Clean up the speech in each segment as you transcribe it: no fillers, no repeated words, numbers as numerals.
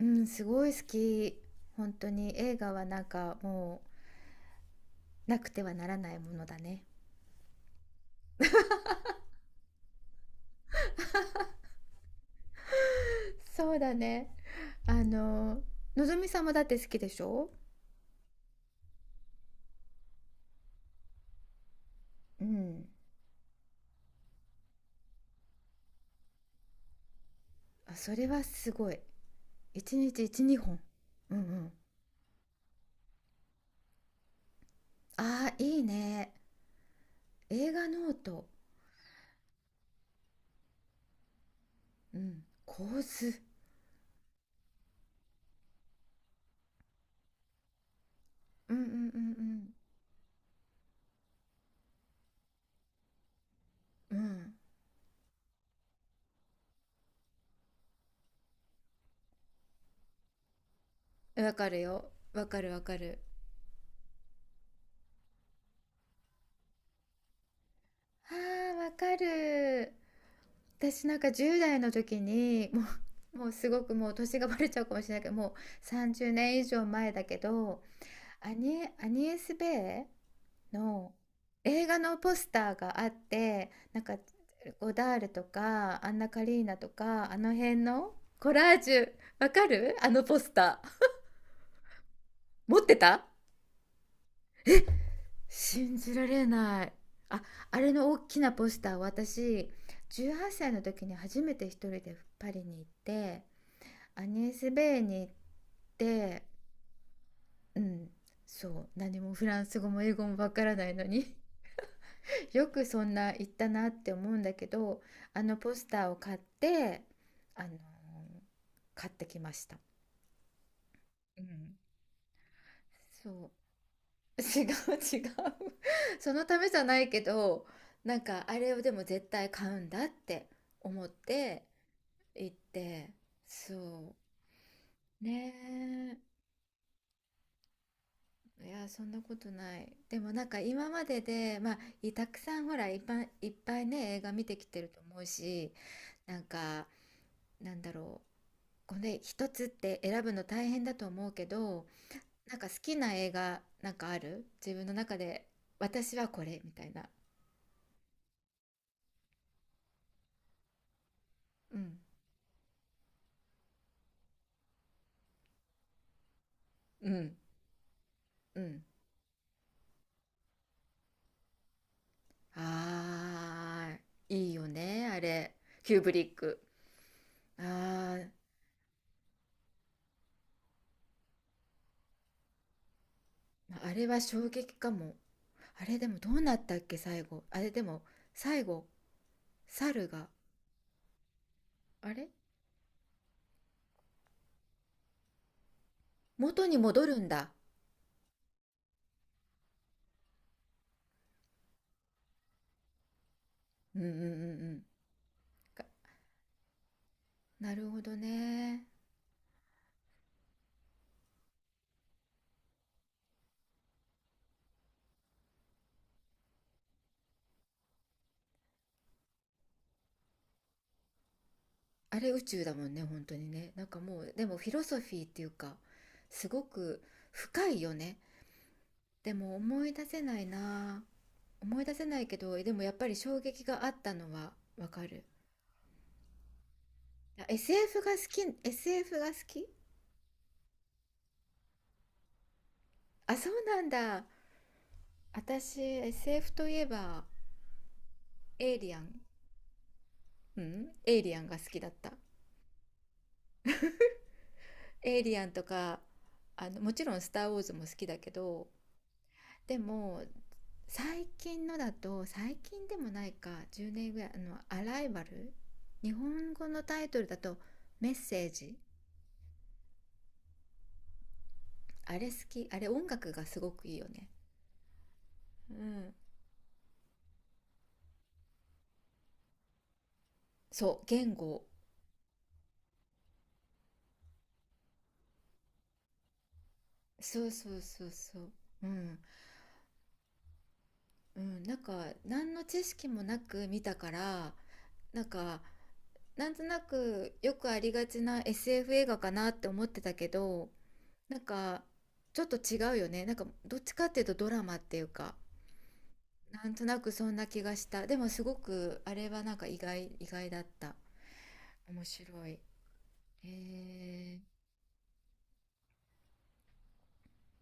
うん、すごい好き。本当に映画はなんかもうなくてはならないものだね。そうだね。あの、のぞみさんもだって好きでしょ。うん。あ、それはすごい。一日一、二本。うんうん。ああ、いいね。映画ノート。うん。構図。うんうんうんうん。うん。わかるよ。わかるわかる。ああ、わかる。私なんか10代の時にもう、もうすごくもう年がバレちゃうかもしれないけどもう30年以上前だけど、アニエス・ベイの映画のポスターがあって、なんかゴダールとかアンナ・カリーナとかあの辺のコラージュ、わかるあのポスター。持ってた。信じられない。あ、あれの大きなポスターを私18歳の時に初めて一人でパリに行って、アニスベーに行って、うん、そう、何もフランス語も英語もわからないのに、 よくそんな言ったなって思うんだけど、あのポスターを買って、あのー買ってきました。うん、そう。 違う違う。 そのためじゃないけど、なんかあれをでも絶対買うんだって思って行って、そうね。いや、そんなことない。でもなんか今まででまあいたくさんほら、いっぱい、いっぱいね、映画見てきてると思うし、なんか、なんだろう、これ一つって選ぶの大変だと思うけど、なんか好きな映画なんかある自分の中で、私はこれみたいな。うんうんうん。あー、いいよねあれ。キューブリック。あー、まあれは衝撃かも。あれでもどうなったっけ最後。あれでも最後、猿が、あれ元に戻るんだ。うんうんうんうん。か、なるほどね。あれ宇宙だもんね、本当にね。なんかもう、でもフィロソフィーっていうか、すごく深いよね。でも思い出せないな。思い出せないけど、でもやっぱり衝撃があったのはわかる。あ、 SF が好き、SF が好き。あ、そうなんだ。私 SF といえばエイリアン、うん、エイリアンが好きだった。エイリアンとか、あのもちろん「スター・ウォーズ」も好きだけど、でも最近のだと、最近でもないか、10年ぐらい、あの「アライバル」、日本語のタイトルだと「メッセージ」。あれ好き、あれ音楽がすごくいいよね。うん、そう、言語。そうそうそうそう。うんうん、なんか何の知識もなく見たから、なんか、なんとなくよくありがちな SF 映画かなって思ってたけど、なんかちょっと違うよね、なんかどっちかっていうとドラマっていうか、なんとなくそんな気がした。でもすごくあれはなんか意外意外だった。面白い。へえ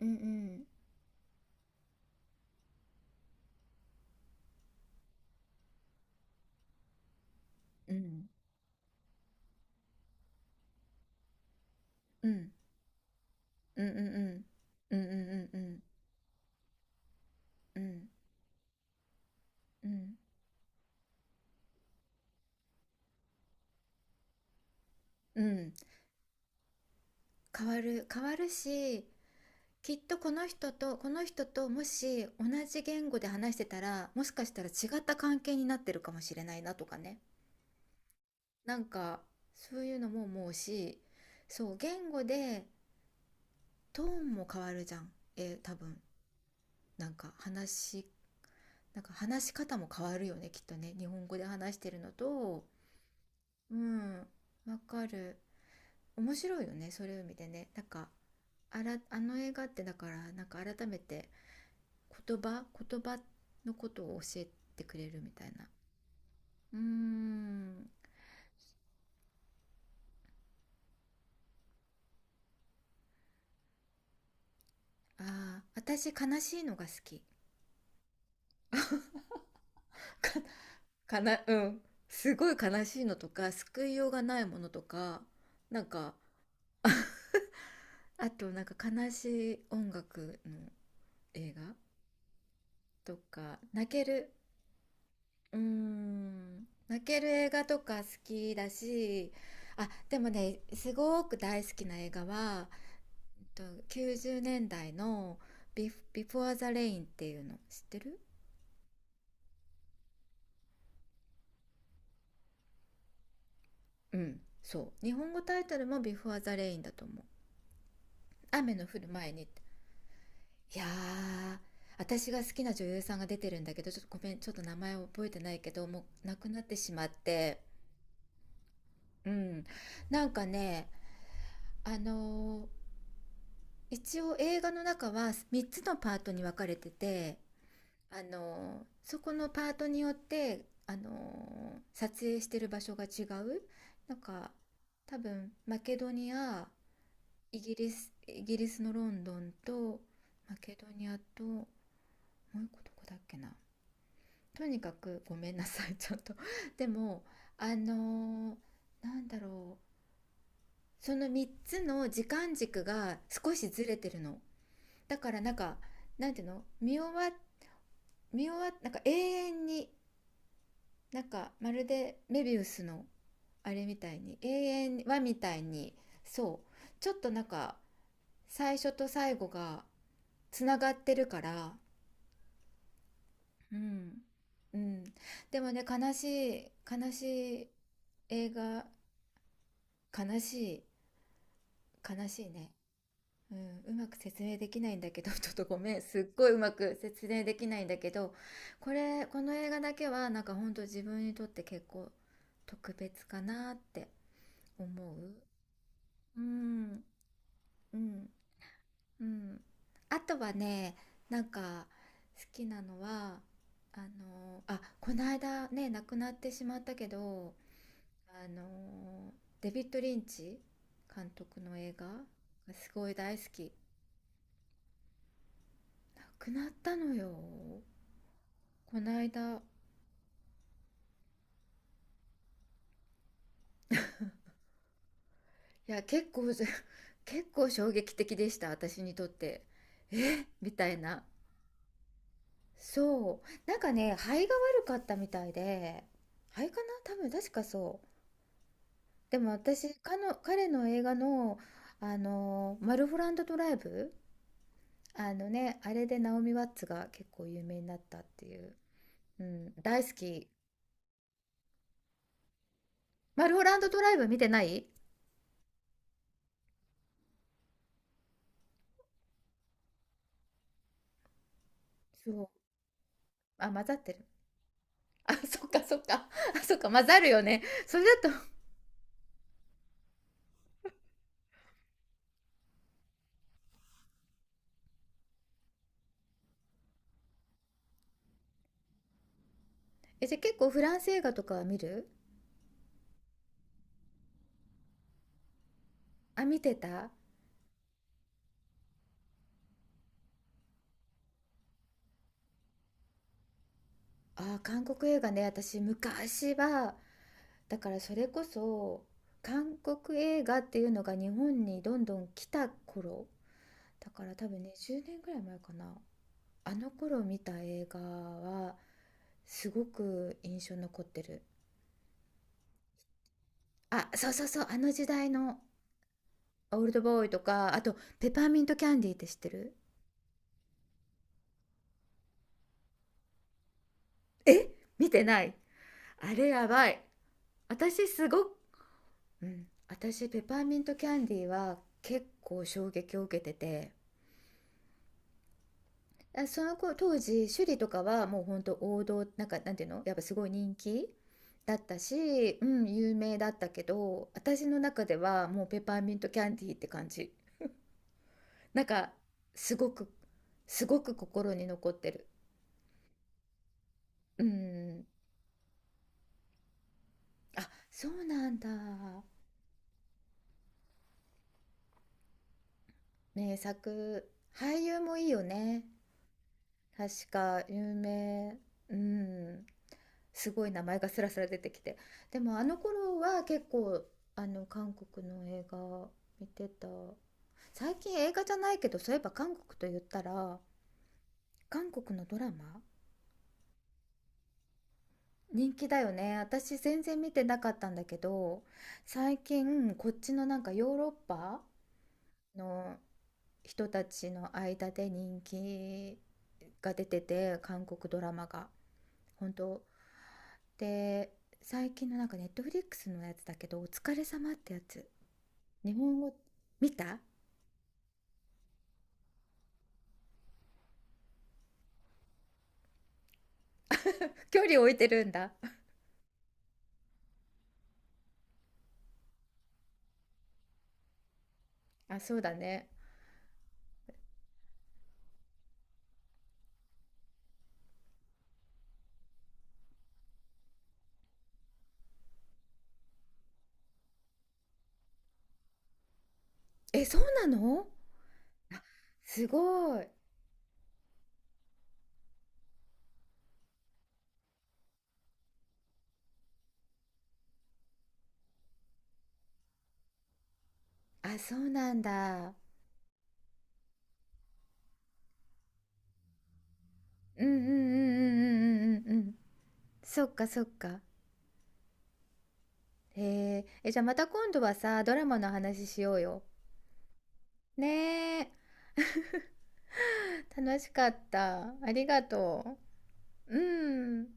ー。うんうんうんうんうんうんうんうんうんうんうんうんうん。変わる変わるし、きっとこの人とこの人と、もし同じ言語で話してたらもしかしたら違った関係になってるかもしれないなとかね、なんかそういうのも思うし、そう、言語でトーンも変わるじゃん、えー多分。なんか話しなんか話し方も変わるよね、きっとね、日本語で話してるのと。うん、わかる。面白いよねそういう意味でね。なんか、あら、あの映画ってだからなんか改めて言葉言葉のことを教えてくれるみたいな。うーん。ああ、私悲しいのが好きかな。うん、すごい悲しいのとか救いようがないものとか、なんか、あと、なんか悲しい音楽の映画とか泣ける。うーん、泣ける映画とか好きだし、あでもね、すごく大好きな映画は、と、90年代の、ビ「Before the Rain」っていうの知ってる。うん、そう、日本語タイトルも「Before the Rain」だと思う。雨の降る前にって。いやー、私が好きな女優さんが出てるんだけど、ちょっとごめん、ちょっと名前を覚えてないけど、もう亡くなってしまって、うん。なんかね、あのー一応映画の中は3つのパートに分かれてて、あのそこのパートによってあの撮影してる場所が違う。なんか多分マケドニア、イギリスのロンドンとマケドニアと、もう一個どこだっけな。とにかくごめんなさい、ちょっと でも、あの、なんだろう、その3つの時間軸が少しずれてるの。だからなんか、なんていうの、見終わ、なんか永遠に、なんかまるでメビウスのあれみたいに永遠はみたいに、そう、ちょっとなんか最初と最後がつながってるから。うんうん。でもね、悲しい悲しい映画。悲しい、悲しいね、うん、うまく説明できないんだけど、 ちょっとごめん、すっごいうまく説明できないんだけど、これ、この映画だけはなんかほんと自分にとって結構特別かなって思う。うん、うん、うん。あとはね、なんか好きなのは、あの、あ、この間ね、亡くなってしまったけど、あの、デビッド・リンチ監督の映画がすごい大好き。亡くなったのよ。この間。いや、結構、結構衝撃的でした、私にとって。えみたいな。そう。なんかね、肺が悪かったみたいで、肺かな多分、確かそう。でも私、彼の映画の、あの、マルフォランドドライブ、あのね、あれでナオミ・ワッツが結構有名になったっていう、うん、大好き。マルフォランドドライブ見てない。そう。あ、混ざってる。あ、そっかそっか。あ、そっか、混ざるよね、それだと。え、じゃあ結構フランス映画とかは見る。あ、見てた。あ、韓国映画ね、私昔は、だからそれこそ、韓国映画っていうのが日本にどんどん来た頃、だから多分ね10年ぐらい前かな、あの頃見た映画はすごく印象に残ってる。あ、そうそうそう、あの時代の「オールドボーイ」とかあと「ペパーミントキャンディー」って知ってる。え、見てない。あれやばい。私すごく、うん、私ペパーミントキャンディーは結構衝撃を受けてて、あ、その子、当時趣里とかはもう本当王道、なんかなんていうのやっぱすごい人気だったし、うん、有名だったけど、私の中ではもうペパーミントキャンディーって感じ。なんかすごく、すごく心に残ってる。うん、あ、そうなんだ。名作、俳優もいいよね、確か有名。うん、すごい名前がスラスラ出てきて、でもあの頃は結構あの韓国の映画見てた。最近映画じゃないけど、そういえば韓国と言ったら韓国のドラマ。人気だよね、私全然見てなかったんだけど、最近こっちのなんかヨーロッパの人たちの間で人気が出てて、韓国ドラマが本当で、最近のなんかネットフリックスのやつだけど「お疲れ様」ってやつ、日本語、見た。 距離置いてるんだ。あ、そうだね。え、そうなの。すごい。あ、そうなんだ。うんうんうんうんうんうんうんうん。そっかそっか。へえ。え、じゃあまた今度はさ、ドラマの話しようよ。ねえ。楽しかった。ありがとう。うん。